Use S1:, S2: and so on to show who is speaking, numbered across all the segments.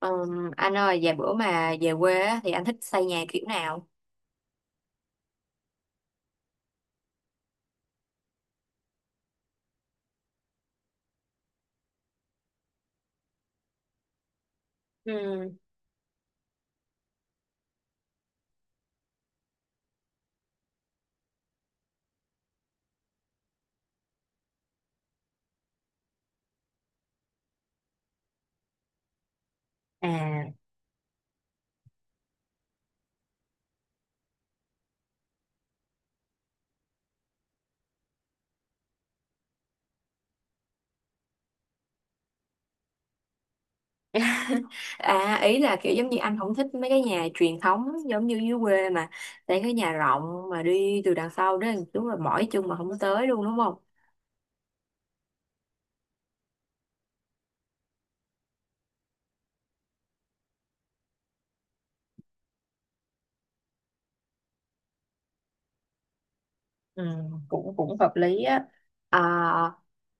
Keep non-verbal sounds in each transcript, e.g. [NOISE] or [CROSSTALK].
S1: Anh ơi, vài bữa mà về quê á, thì anh thích xây nhà kiểu nào? Ừ. À, [LAUGHS] À, ý là kiểu giống như anh không thích mấy cái nhà truyền thống giống như dưới quê mà xây cái nhà rộng mà đi từ đằng sau đó đúng là mỏi chân mà không tới luôn đúng không? Ừ, cũng cũng hợp lý á. À,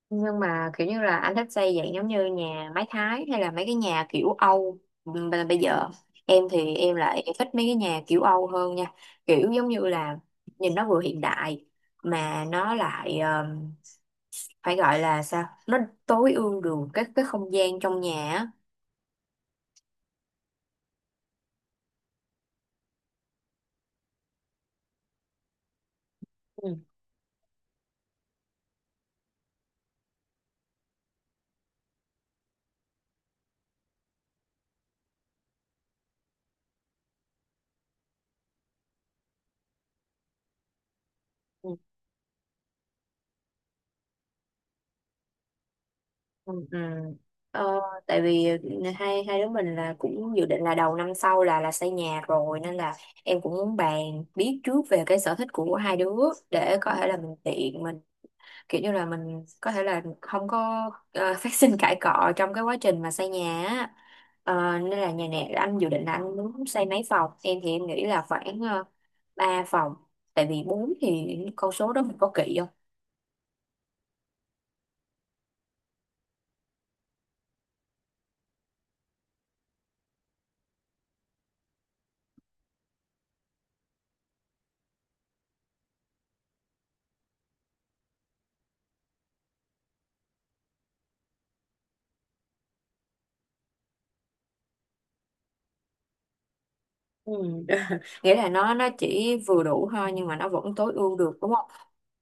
S1: nhưng mà kiểu như là anh thích xây dạng giống như nhà mái Thái hay là mấy cái nhà kiểu Âu. Bây giờ em thì em lại thích mấy cái nhà kiểu Âu hơn nha, kiểu giống như là nhìn nó vừa hiện đại mà nó lại phải gọi là sao, nó tối ưu được cái không gian trong nhà á. Ừ. Ừ. Ừ. Ừ. Ờ, tại vì hai hai đứa mình là cũng dự định là đầu năm sau là xây nhà rồi, nên là em cũng muốn bàn biết trước về cái sở thích của hai đứa để có thể là mình tiện mình, kiểu như là mình có thể là không có [LAUGHS] phát sinh cãi cọ trong cái quá trình mà xây nhà á. Ờ, nên là nhà này anh dự định là anh muốn xây mấy phòng, em thì em nghĩ là khoảng 3 phòng, tại vì bốn thì con số đó mình có kỵ không? Ừ. [LAUGHS] Nghĩa là nó chỉ vừa đủ thôi nhưng mà nó vẫn tối ưu được đúng không?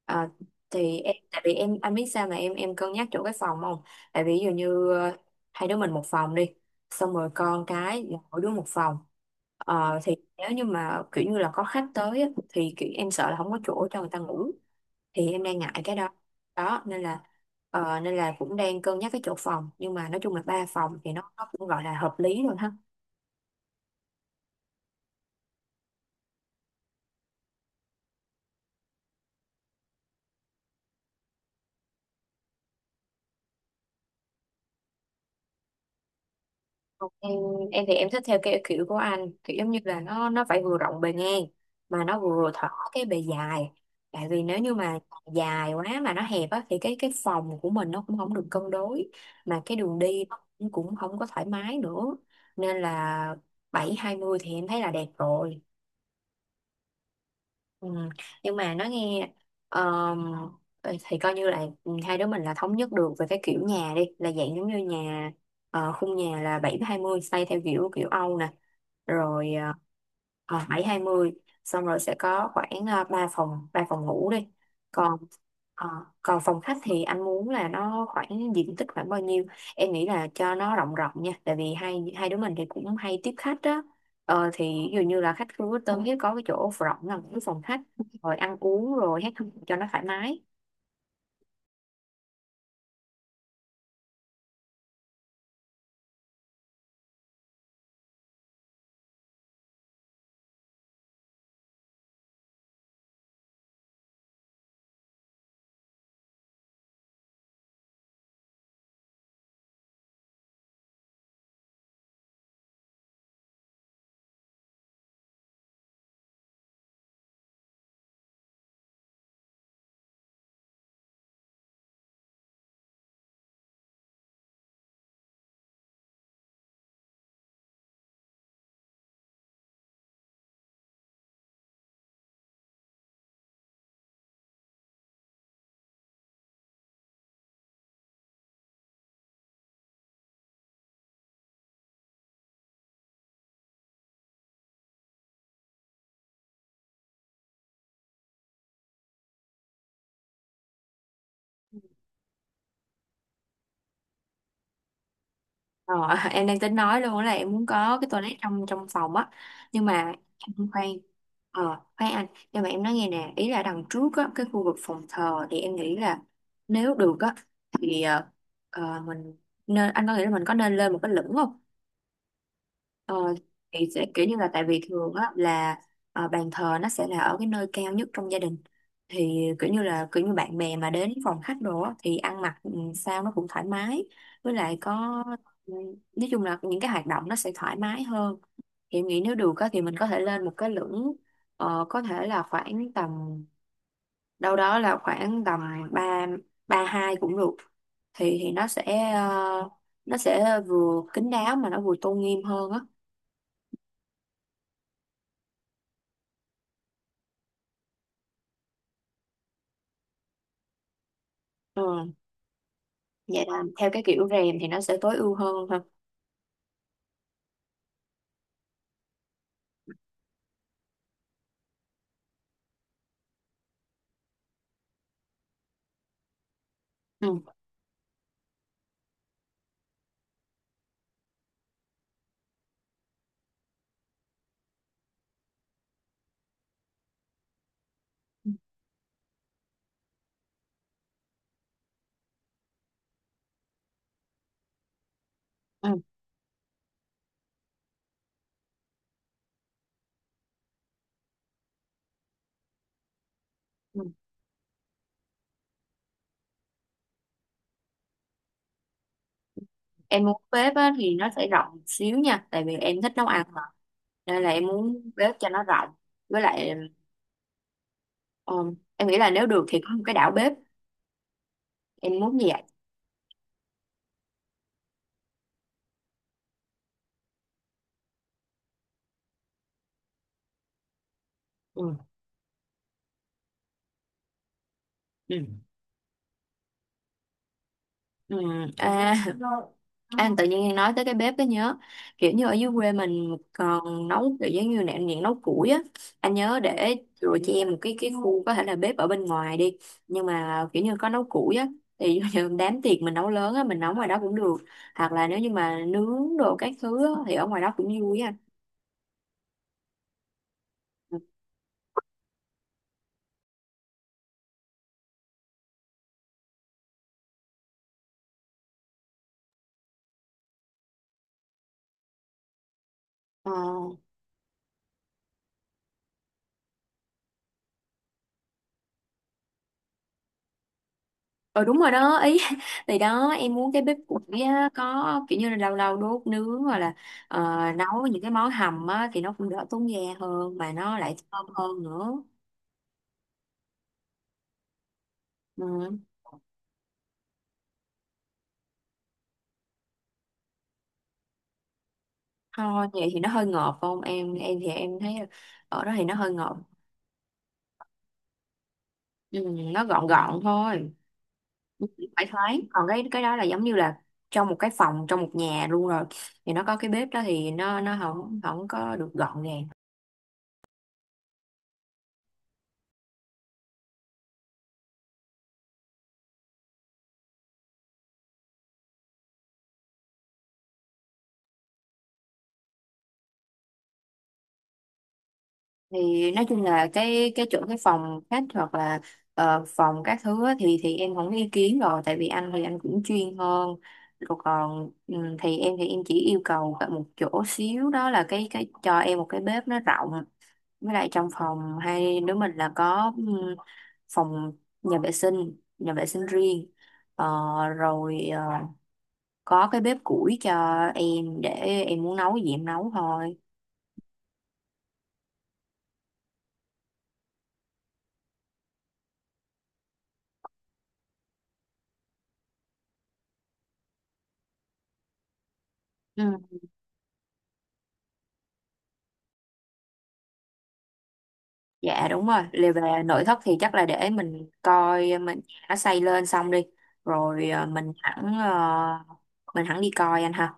S1: À, thì em tại vì anh biết sao mà em cân nhắc chỗ cái phòng không? Tại vì ví dụ như hai đứa mình một phòng đi, xong rồi con cái là mỗi đứa một phòng. Ờ, thì nếu như mà kiểu như là có khách tới á, thì kiểu em sợ là không có chỗ cho người ta ngủ, thì em đang ngại cái đó. Đó, nên là nên là cũng đang cân nhắc cái chỗ phòng, nhưng mà nói chung là ba phòng thì nó cũng gọi là hợp lý rồi ha. em em thì em thích theo cái kiểu của anh, kiểu giống như là nó phải vừa rộng bề ngang mà nó vừa thỏ cái bề dài, tại vì nếu như mà dài quá mà nó hẹp á thì cái phòng của mình nó cũng không được cân đối, mà cái đường đi nó cũng cũng không có thoải mái nữa, nên là bảy hai mươi thì em thấy là đẹp rồi. Ừ. Nhưng mà nói nghe, ờm, thì coi như là hai đứa mình là thống nhất được về cái kiểu nhà đi, là dạng giống như nhà, ờ, khung nhà là bảy hai mươi, xây theo kiểu kiểu Âu nè, rồi 7 hai mươi, xong rồi sẽ có khoảng 3 phòng, 3 phòng ngủ đi. Còn ờ, còn phòng khách thì anh muốn là nó khoảng diện tích khoảng bao nhiêu? Em nghĩ là cho nó rộng rộng nha, tại vì hai hai đứa mình thì cũng hay tiếp khách á. Ờ thì ví dụ như là khách khu Quốc Tân thì có cái chỗ rộng là cái phòng khách, rồi ăn uống rồi hết, cho nó thoải mái. Ờ, [LAUGHS] em đang tính nói luôn là em muốn có cái toilet trong trong phòng á, nhưng mà em khoan, ờ khoan anh, nhưng mà em nói nghe nè, ý là đằng trước á, cái khu vực phòng thờ thì em nghĩ là nếu được á thì mình nên, anh có nghĩ là mình có nên lên một cái lửng không? Ờ, thì sẽ kiểu như là tại vì thường á là bàn thờ nó sẽ là ở cái nơi cao nhất trong gia đình, thì kiểu như là kiểu như bạn bè mà đến phòng khách đồ á, thì ăn mặc ừ, sao nó cũng thoải mái, với lại có ừ, nói chung là những cái hoạt động nó sẽ thoải mái hơn, thì em nghĩ nếu được á, thì mình có thể lên một cái lửng, ờ, có thể là khoảng tầm đâu đó là khoảng tầm ba ba hai cũng được, thì nó sẽ ờ, nó sẽ vừa kín đáo mà nó vừa tôn nghiêm hơn á. Ừ. Dạ là theo cái kiểu rèm thì nó sẽ tối ưu hơn ha. Ừ. Ừ. Ừ. Ừ. Em muốn bếp á, thì nó sẽ rộng xíu nha, tại vì em thích nấu ăn mà. Nên là em muốn bếp cho nó rộng. Với lại ừ, em nghĩ là nếu được thì có một cái đảo bếp. Em muốn như vậy. Ừ. Ừ, à, anh tự nhiên nói tới cái bếp cái nhớ, kiểu như ở dưới quê mình còn nấu kiểu giống như nè, những nấu củi á, anh nhớ để rồi cho em một cái khu có thể là bếp ở bên ngoài đi, nhưng mà kiểu như có nấu củi á, thì [LAUGHS] ví như đám tiệc mình nấu lớn á, mình nấu ngoài đó cũng được, hoặc là nếu như mà nướng đồ các thứ á, thì ở ngoài đó cũng vui á. Ờ. Ờ đúng rồi đó ý, [LAUGHS] thì đó em muốn cái bếp củi á, có kiểu như là lâu lâu đốt nướng, hoặc là ờ, nấu những cái món hầm á, thì nó cũng đỡ tốn ga hơn mà nó lại thơm hơn nữa. Ừ. Thôi vậy thì nó hơi ngọt không, em thì em thấy ở đó thì nó hơi ngọt. Ừ, nó gọn gọn thôi. Ừ, phải thoáng, còn cái đó là giống như là trong một cái phòng, trong một nhà luôn rồi, thì nó có cái bếp đó thì nó không không có được gọn gàng. Thì nói chung là cái chỗ cái phòng khách hoặc là phòng các thứ á, thì em không có ý kiến rồi, tại vì anh thì anh cũng chuyên hơn rồi. Còn thì em chỉ yêu cầu cả một chỗ xíu đó là cái cho em một cái bếp nó rộng, với lại trong phòng hai đứa mình là có phòng nhà vệ sinh, nhà vệ sinh riêng. Ờ, rồi ờ, có cái bếp củi cho em, để em muốn nấu gì em nấu thôi. Dạ đúng rồi, liệu về nội thất thì chắc là để mình coi mình nó xây lên xong đi, rồi mình hẳn mình hẳn đi coi anh ha.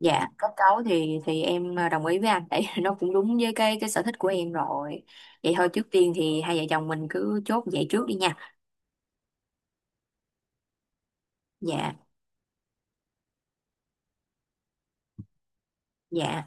S1: Dạ, kết cấu thì em ờ, đồng ý với anh, tại [LAUGHS] nó cũng đúng với cái sở thích của em rồi. Vậy thôi, trước tiên thì hai vợ chồng mình cứ chốt vậy trước đi nha. Dạ, dạ.